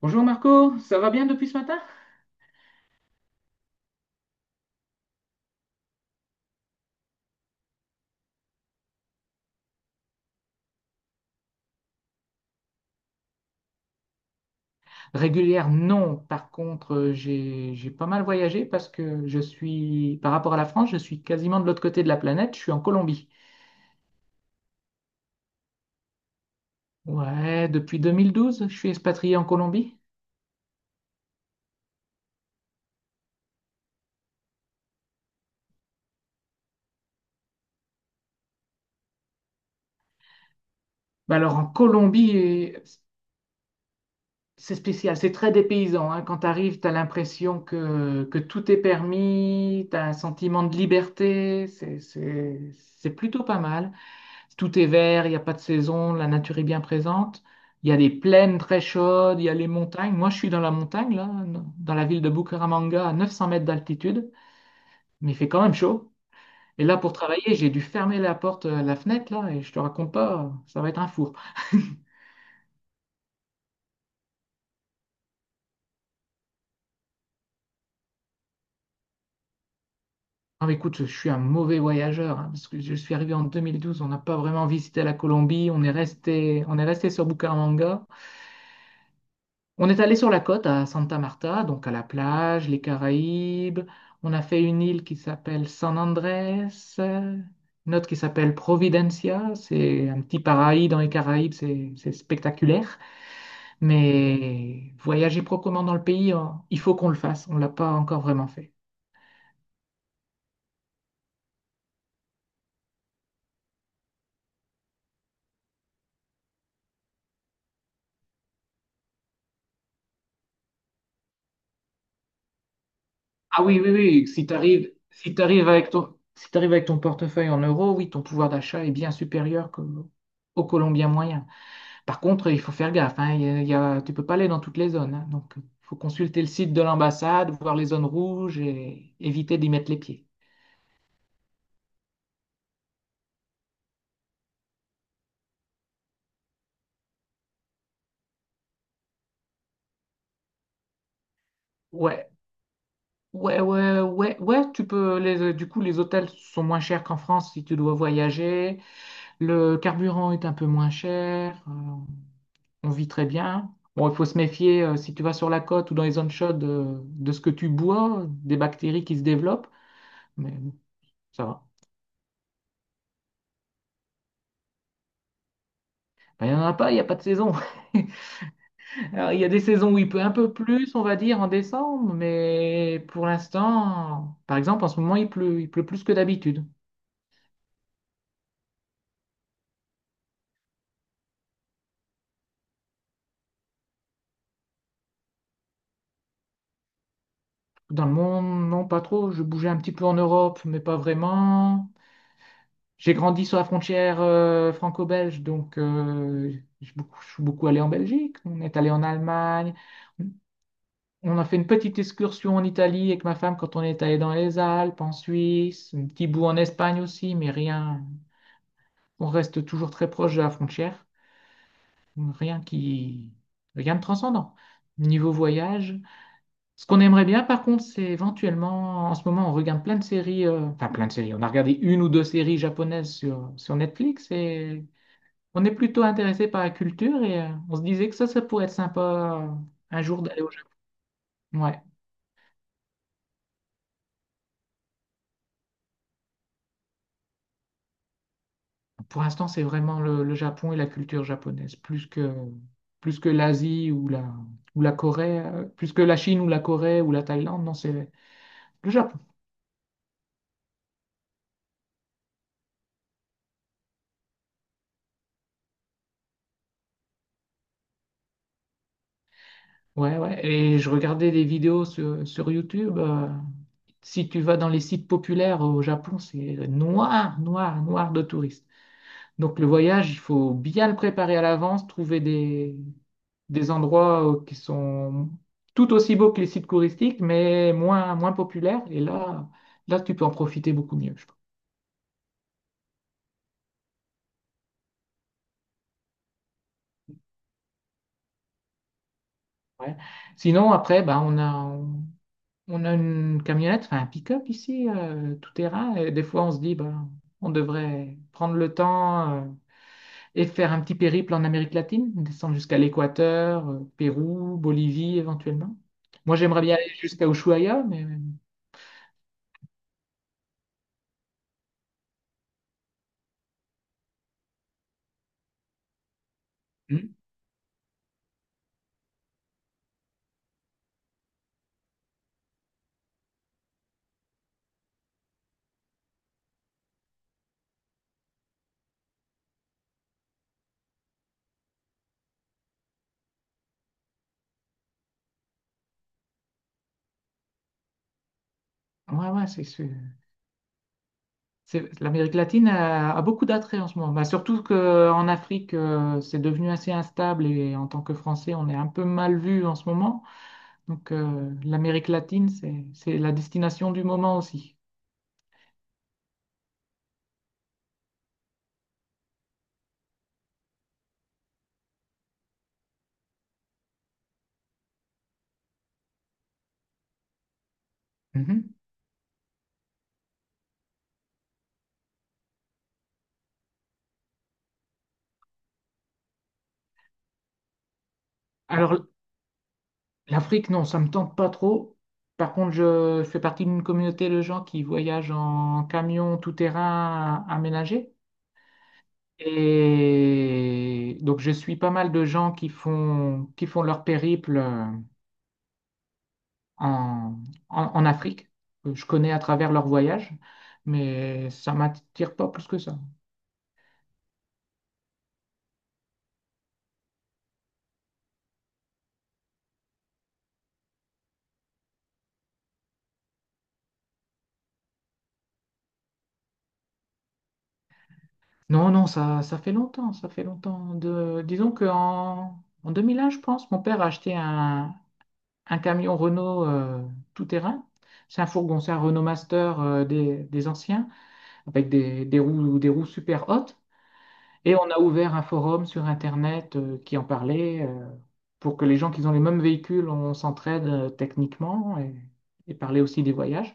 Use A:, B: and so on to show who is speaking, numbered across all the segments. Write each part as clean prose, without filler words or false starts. A: Bonjour Marco, ça va bien depuis ce matin? Régulière, non. Par contre, j'ai pas mal voyagé parce que je suis, par rapport à la France, je suis quasiment de l'autre côté de la planète, je suis en Colombie. Ouais, depuis 2012, je suis expatrié en Colombie. Bah alors, en Colombie, c'est spécial, c'est très dépaysant, hein. Quand tu arrives, tu as l'impression que tout est permis, tu as un sentiment de liberté, c'est plutôt pas mal. Tout est vert, il n'y a pas de saison, la nature est bien présente. Il y a des plaines très chaudes, il y a les montagnes. Moi, je suis dans la montagne, là, dans la ville de Bucaramanga, à 900 mètres d'altitude, mais il fait quand même chaud. Et là, pour travailler, j'ai dû fermer la porte, la fenêtre, là, et je te raconte pas, ça va être un four. Non, mais écoute, je suis un mauvais voyageur, hein, parce que je suis arrivé en 2012, on n'a pas vraiment visité la Colombie, on est resté sur Bucaramanga. On est allé sur la côte à Santa Marta, donc à la plage, les Caraïbes. On a fait une île qui s'appelle San Andrés, euh, une autre qui s'appelle Providencia. C'est un petit paradis dans les Caraïbes, c'est spectaculaire. Mais voyager proprement dans le pays, hein, il faut qu'on le fasse. On l'a pas encore vraiment fait. Ah oui, oui, oui. Si tu arrives, si t'arrives avec ton portefeuille en euros, oui, ton pouvoir d'achat est bien supérieur qu'au au Colombien moyen. Par contre, il faut faire gaffe, hein, tu peux pas aller dans toutes les zones, hein. Donc, il faut consulter le site de l'ambassade, voir les zones rouges et éviter d'y mettre les pieds. Ouais, ouais, ouais, ouais, ouais, tu peux. Du coup, les hôtels sont moins chers qu'en France si tu dois voyager. Le carburant est un peu moins cher. On vit très bien. Bon, il faut se méfier si tu vas sur la côte ou dans les zones chaudes, de ce que tu bois, des bactéries qui se développent. Mais bon, ça va. Ben, il n'y en a pas, il n'y a pas de saison. Alors, il y a des saisons où il pleut un peu plus, on va dire, en décembre, mais pour l'instant, par exemple, en ce moment, il pleut plus que d'habitude. Dans le monde, non, pas trop. Je bougeais un petit peu en Europe, mais pas vraiment. J'ai grandi sur la frontière franco-belge, donc, je suis beaucoup allé en Belgique. On est allé en Allemagne. On a fait une petite excursion en Italie avec ma femme quand on est allé dans les Alpes, en Suisse, un petit bout en Espagne aussi, mais rien. On reste toujours très proche de la frontière. Rien qui, Rien de transcendant. Niveau voyage, ce qu'on aimerait bien, par contre, c'est éventuellement, en ce moment, on regarde plein de séries, enfin plein de séries. On a regardé une ou deux séries japonaises sur Netflix et on est plutôt intéressé par la culture et, on se disait que ça pourrait être sympa, un jour d'aller au Japon. Ouais. Pour l'instant, c'est vraiment le Japon et la culture japonaise, plus que l'Asie ou la Corée, plus que la Chine ou la Corée ou la Thaïlande. Non, c'est le Japon. Ouais, ouais. Et je regardais des vidéos sur YouTube. Si tu vas dans les sites populaires au Japon, c'est noir, noir, noir de touristes. Donc le voyage, il faut bien le préparer à l'avance, trouver des endroits qui sont tout aussi beaux que les sites touristiques, mais moins, moins populaires. Et là, tu peux en profiter beaucoup mieux, je pense. Ouais. Sinon, après, ben, on a une camionnette, enfin un pick-up ici, tout terrain. Et des fois, on se dit, ben, on devrait prendre le temps, et faire un petit périple en Amérique latine, descendre jusqu'à l'Équateur, Pérou, Bolivie éventuellement. Moi, j'aimerais bien aller jusqu'à Ushuaïa, mais. Hmm. Ouais, ouais, l'Amérique latine a beaucoup d'attraits en ce moment. Bah, surtout qu'en Afrique, c'est devenu assez instable et en tant que Français, on est un peu mal vu en ce moment. Donc, l'Amérique latine, c'est la destination du moment aussi. Mhm. Alors, l'Afrique, non, ça me tente pas trop. Par contre, je fais partie d'une communauté de gens qui voyagent en camion tout-terrain aménagé. Et donc, je suis pas mal de gens qui font leur périple, en, en Afrique. Que je connais à travers leur voyage, mais ça m'attire pas plus que ça. Non, non, ça fait longtemps, ça fait longtemps. Disons qu'en 2001, je pense, mon père a acheté un camion Renault, tout-terrain. C'est un fourgon, c'est un Renault Master, des anciens, avec des roues, des roues, super hautes. Et on a ouvert un forum sur Internet qui en parlait, pour que les gens qui ont les mêmes véhicules, on s'entraide techniquement, et parler aussi des voyages.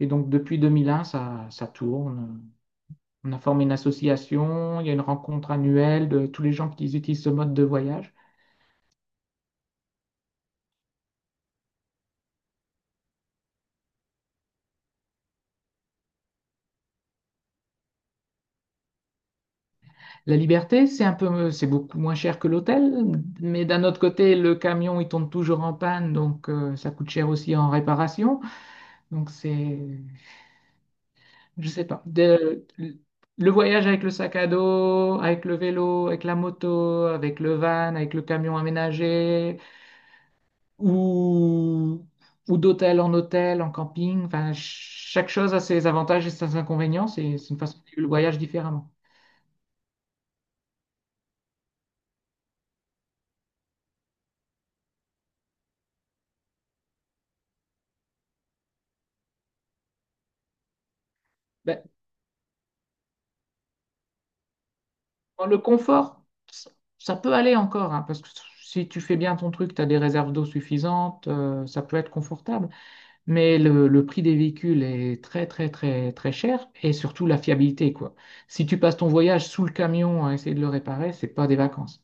A: Et donc depuis 2001, ça, ça tourne. On a formé une association, il y a une rencontre annuelle de tous les gens qui utilisent ce mode de voyage. La liberté, c'est un peu, c'est beaucoup moins cher que l'hôtel, mais d'un autre côté, le camion, il tombe toujours en panne, donc, ça coûte cher aussi en réparation. Donc c'est, je sais pas. Le voyage avec le sac à dos, avec le vélo, avec la moto, avec le van, avec le camion aménagé, ou, ou d'hôtel en hôtel, en camping, enfin, chaque chose a ses avantages et ses inconvénients, c'est une façon de vivre le voyage différemment. Ben, dans le confort, ça, ça peut aller encore, hein, parce que si tu fais bien ton truc, tu as des réserves d'eau suffisantes, ça peut être confortable. Mais le prix des véhicules est très, très, très, très cher et surtout la fiabilité, quoi. Si tu passes ton voyage sous le camion à essayer de le réparer, c'est pas des vacances.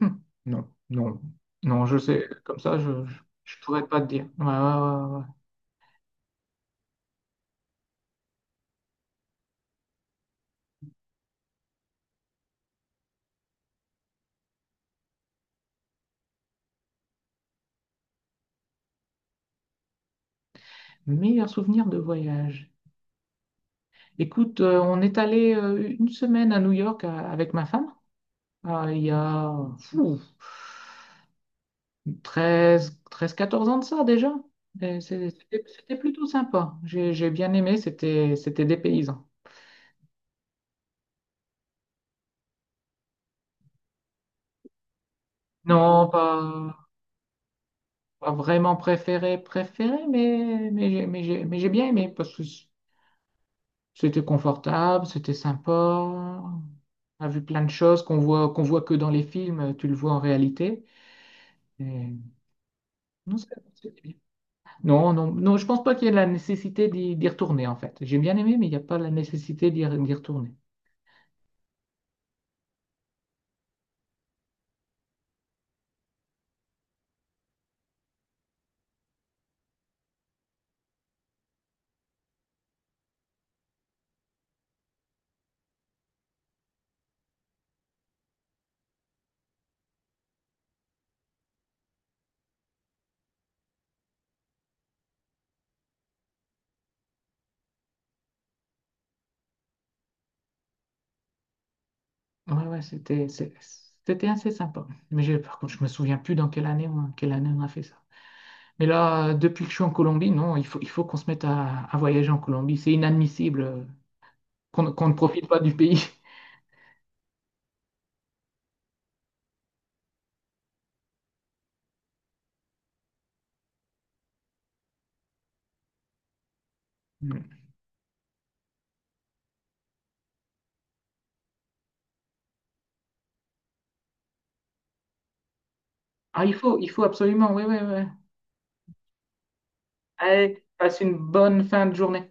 A: Hmm. Non, non, non, je sais, comme ça, je pourrais pas te dire. Ouais, ouais, ouais, ouais. Meilleur souvenir de voyage. Écoute, on est allé, une semaine à New York, avec ma femme. Ah, il y a fou, 13 13, 14 ans de ça déjà. Et c'était plutôt sympa. J'ai bien aimé, c'était des paysans. Non, pas vraiment préféré, préféré, mais, j'ai bien aimé parce que c'était confortable, c'était sympa. On a vu plein de choses qu'on voit que dans les films, tu le vois en réalité. Et, non, c'était bien. Non, non, non, je pense pas qu'il y ait la nécessité d'y retourner en fait. J'ai bien aimé, mais il n'y a pas la nécessité d'y retourner. Ouais, ouais, c'était assez sympa. Mais par contre, je me souviens plus dans quelle année, quelle année on a fait ça. Mais là, depuis que je suis en Colombie, non, il faut qu'on se mette à voyager en Colombie. C'est inadmissible, qu'on ne profite pas du pays. Ah, il faut absolument, oui, oui, oui. Allez, passe une bonne fin de journée.